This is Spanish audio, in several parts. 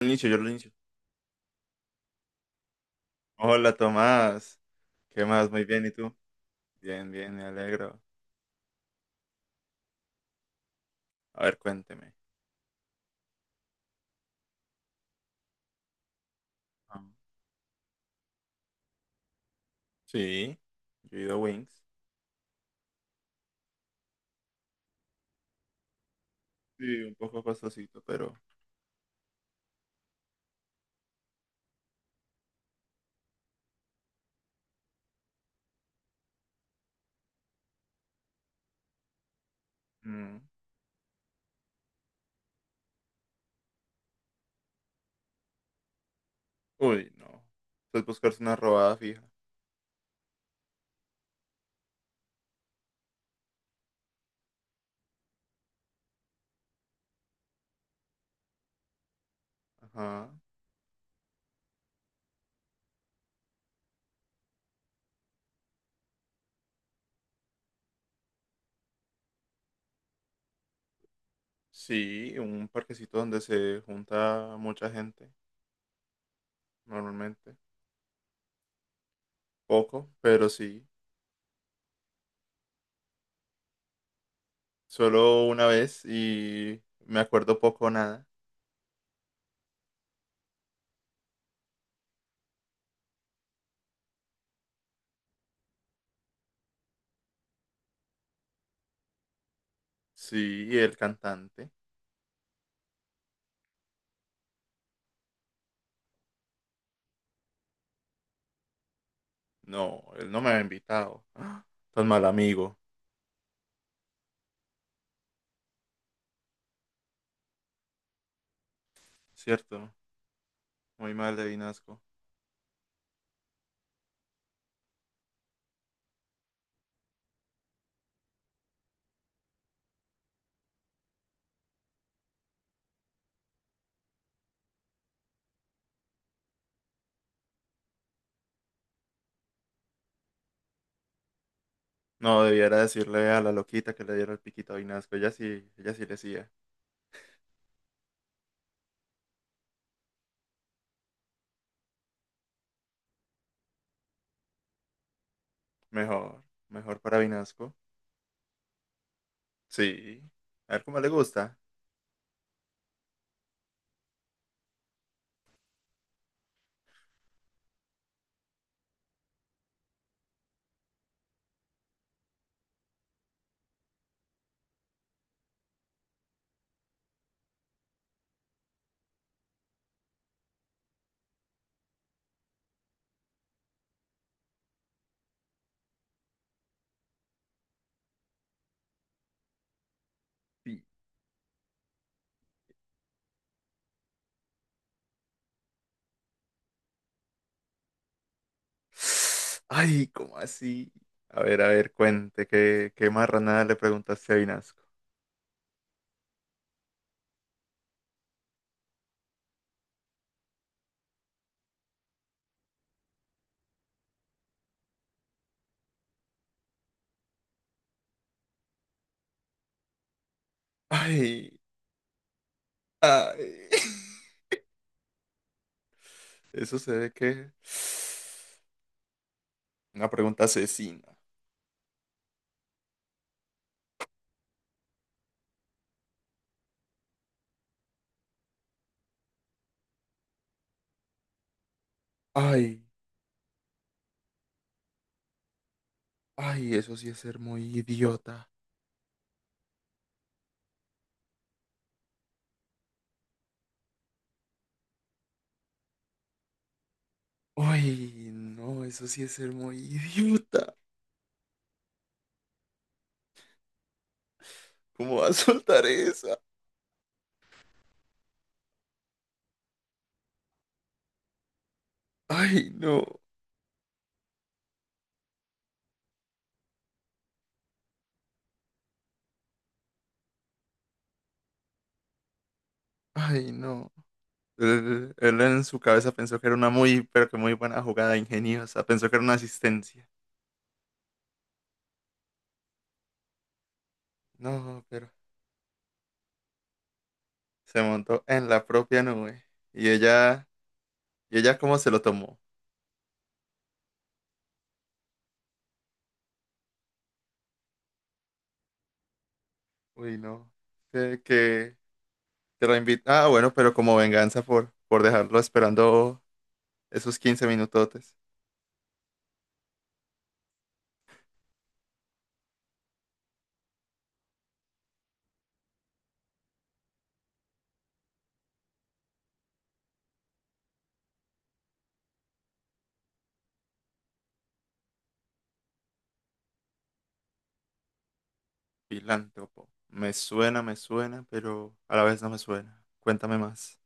Inicio, yo lo inicio. Hola Tomás, ¿qué más? Muy bien, ¿y tú? Bien, bien, me alegro. A ver, cuénteme. Ah, sí. Yo he ido a Wings. Sí, un poco costosito, pero mm, uy, no. Pues buscarse una robada fija. Ajá. Sí, un parquecito donde se junta mucha gente, normalmente. Poco, pero sí. Solo una vez y me acuerdo poco o nada. Sí, y el cantante. No, él no me había invitado. ¡Ah! Tan mal amigo, ¿cierto? Muy mal de Vinasco. No, debiera decirle a la loquita que le diera el piquito a Vinasco. Ella sí le decía. Mejor, mejor para Vinasco. Sí. A ver cómo le gusta. Sí. Ay, ¿cómo así? A ver, cuente, ¿qué marranada le preguntaste a Vinasco? Ay, ay. Eso se ve que una pregunta asesina. Ay, ay, eso sí es ser muy idiota. Ay, no, eso sí es ser muy idiota. ¿Cómo va a soltar esa? Ay, no, ay, no. Él en su cabeza pensó que era una muy, pero que muy buena jugada ingeniosa. Pensó que era una asistencia. No, pero se montó en la propia nube. Y ella, ¿Y ella cómo se lo tomó? Uy, no. Que te la invita. Ah, bueno, pero como venganza por, dejarlo esperando esos 15 minutotes. Filántropo. Me suena, pero a la vez no me suena. Cuéntame más.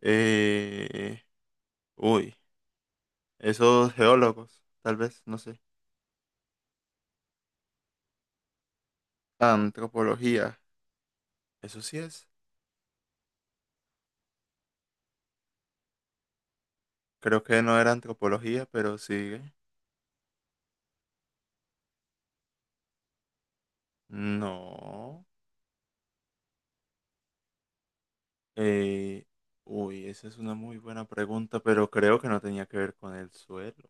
Eh, uy, esos geólogos, tal vez, no sé. Antropología. Eso sí es. Creo que no era antropología, pero sigue. No. Eh, uy, esa es una muy buena pregunta, pero creo que no tenía que ver con el suelo.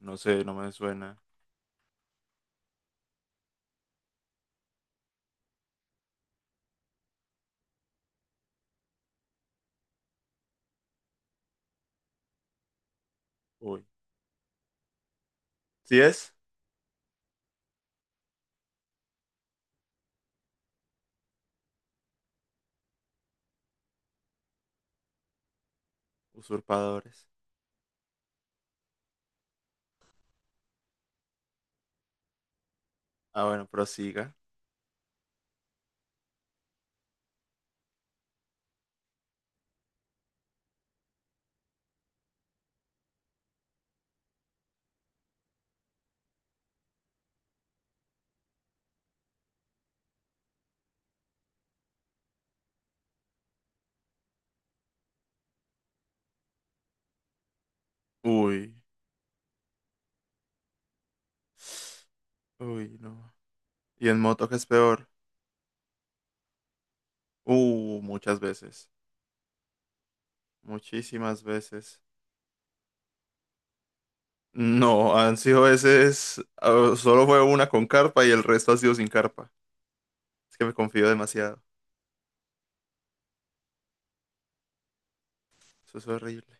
No sé, no me suena. Uy. ¿Sí es? Usurpadores. Ah, bueno, prosiga. Uy. Uy, no. Y en moto, ¿qué es peor? Muchas veces. Muchísimas veces. No, han sido veces. Ah, solo fue una con carpa y el resto ha sido sin carpa. Es que me confío demasiado. Eso es horrible.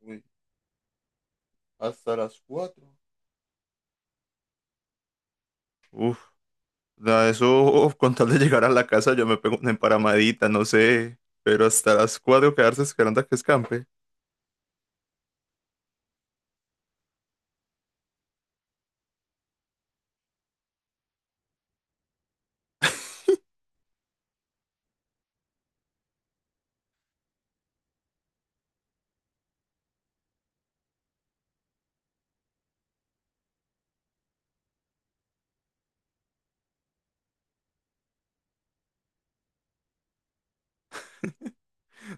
Uy, hasta las cuatro. Uf, nada, eso, uf, con tal de llegar a la casa, yo me pego una emparamadita, no sé. Pero hasta las 4 quedarse esperando a que escampe.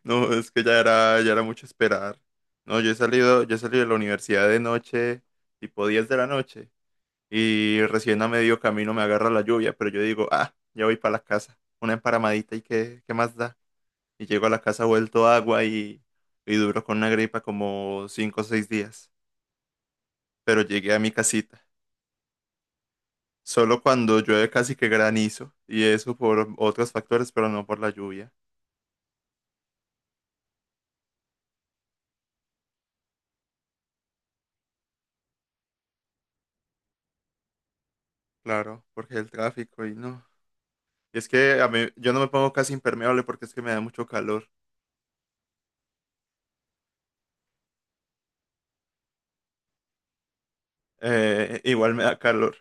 No, es que ya era mucho esperar. No, yo he salido de la universidad de noche, tipo 10 de la noche. Y recién a medio camino me agarra la lluvia, pero yo digo, ah, ya voy para la casa. Una emparamadita y qué más da. Y llego a la casa vuelto agua y duro con una gripa como 5 o 6 días. Pero llegué a mi casita. Solo cuando llueve casi que granizo. Y eso por otros factores, pero no por la lluvia. Claro, porque el tráfico y no. Y es que a mí, yo no me pongo casi impermeable porque es que me da mucho calor. Igual me da calor.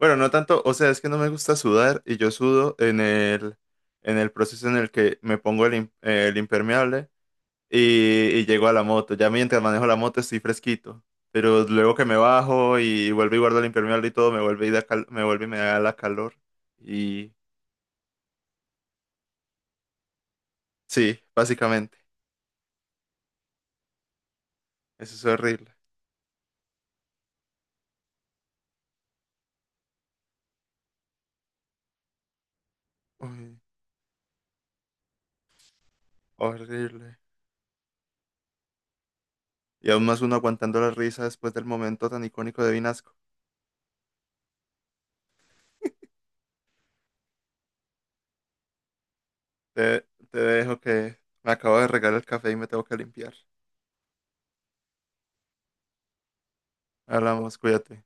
Bueno, no tanto, o sea, es que no me gusta sudar y yo sudo en el proceso en el que me pongo el impermeable y llego a la moto. Ya mientras manejo la moto estoy fresquito, pero luego que me bajo y vuelvo y guardo el impermeable y todo, me vuelve y me vuelve y me da la calor. Y sí, básicamente, eso es horrible. Uy, horrible. Y aún más uno aguantando la risa después del momento tan icónico de Vinasco. Te dejo que me acabo de regar el café y me tengo que limpiar. Hablamos, cuídate.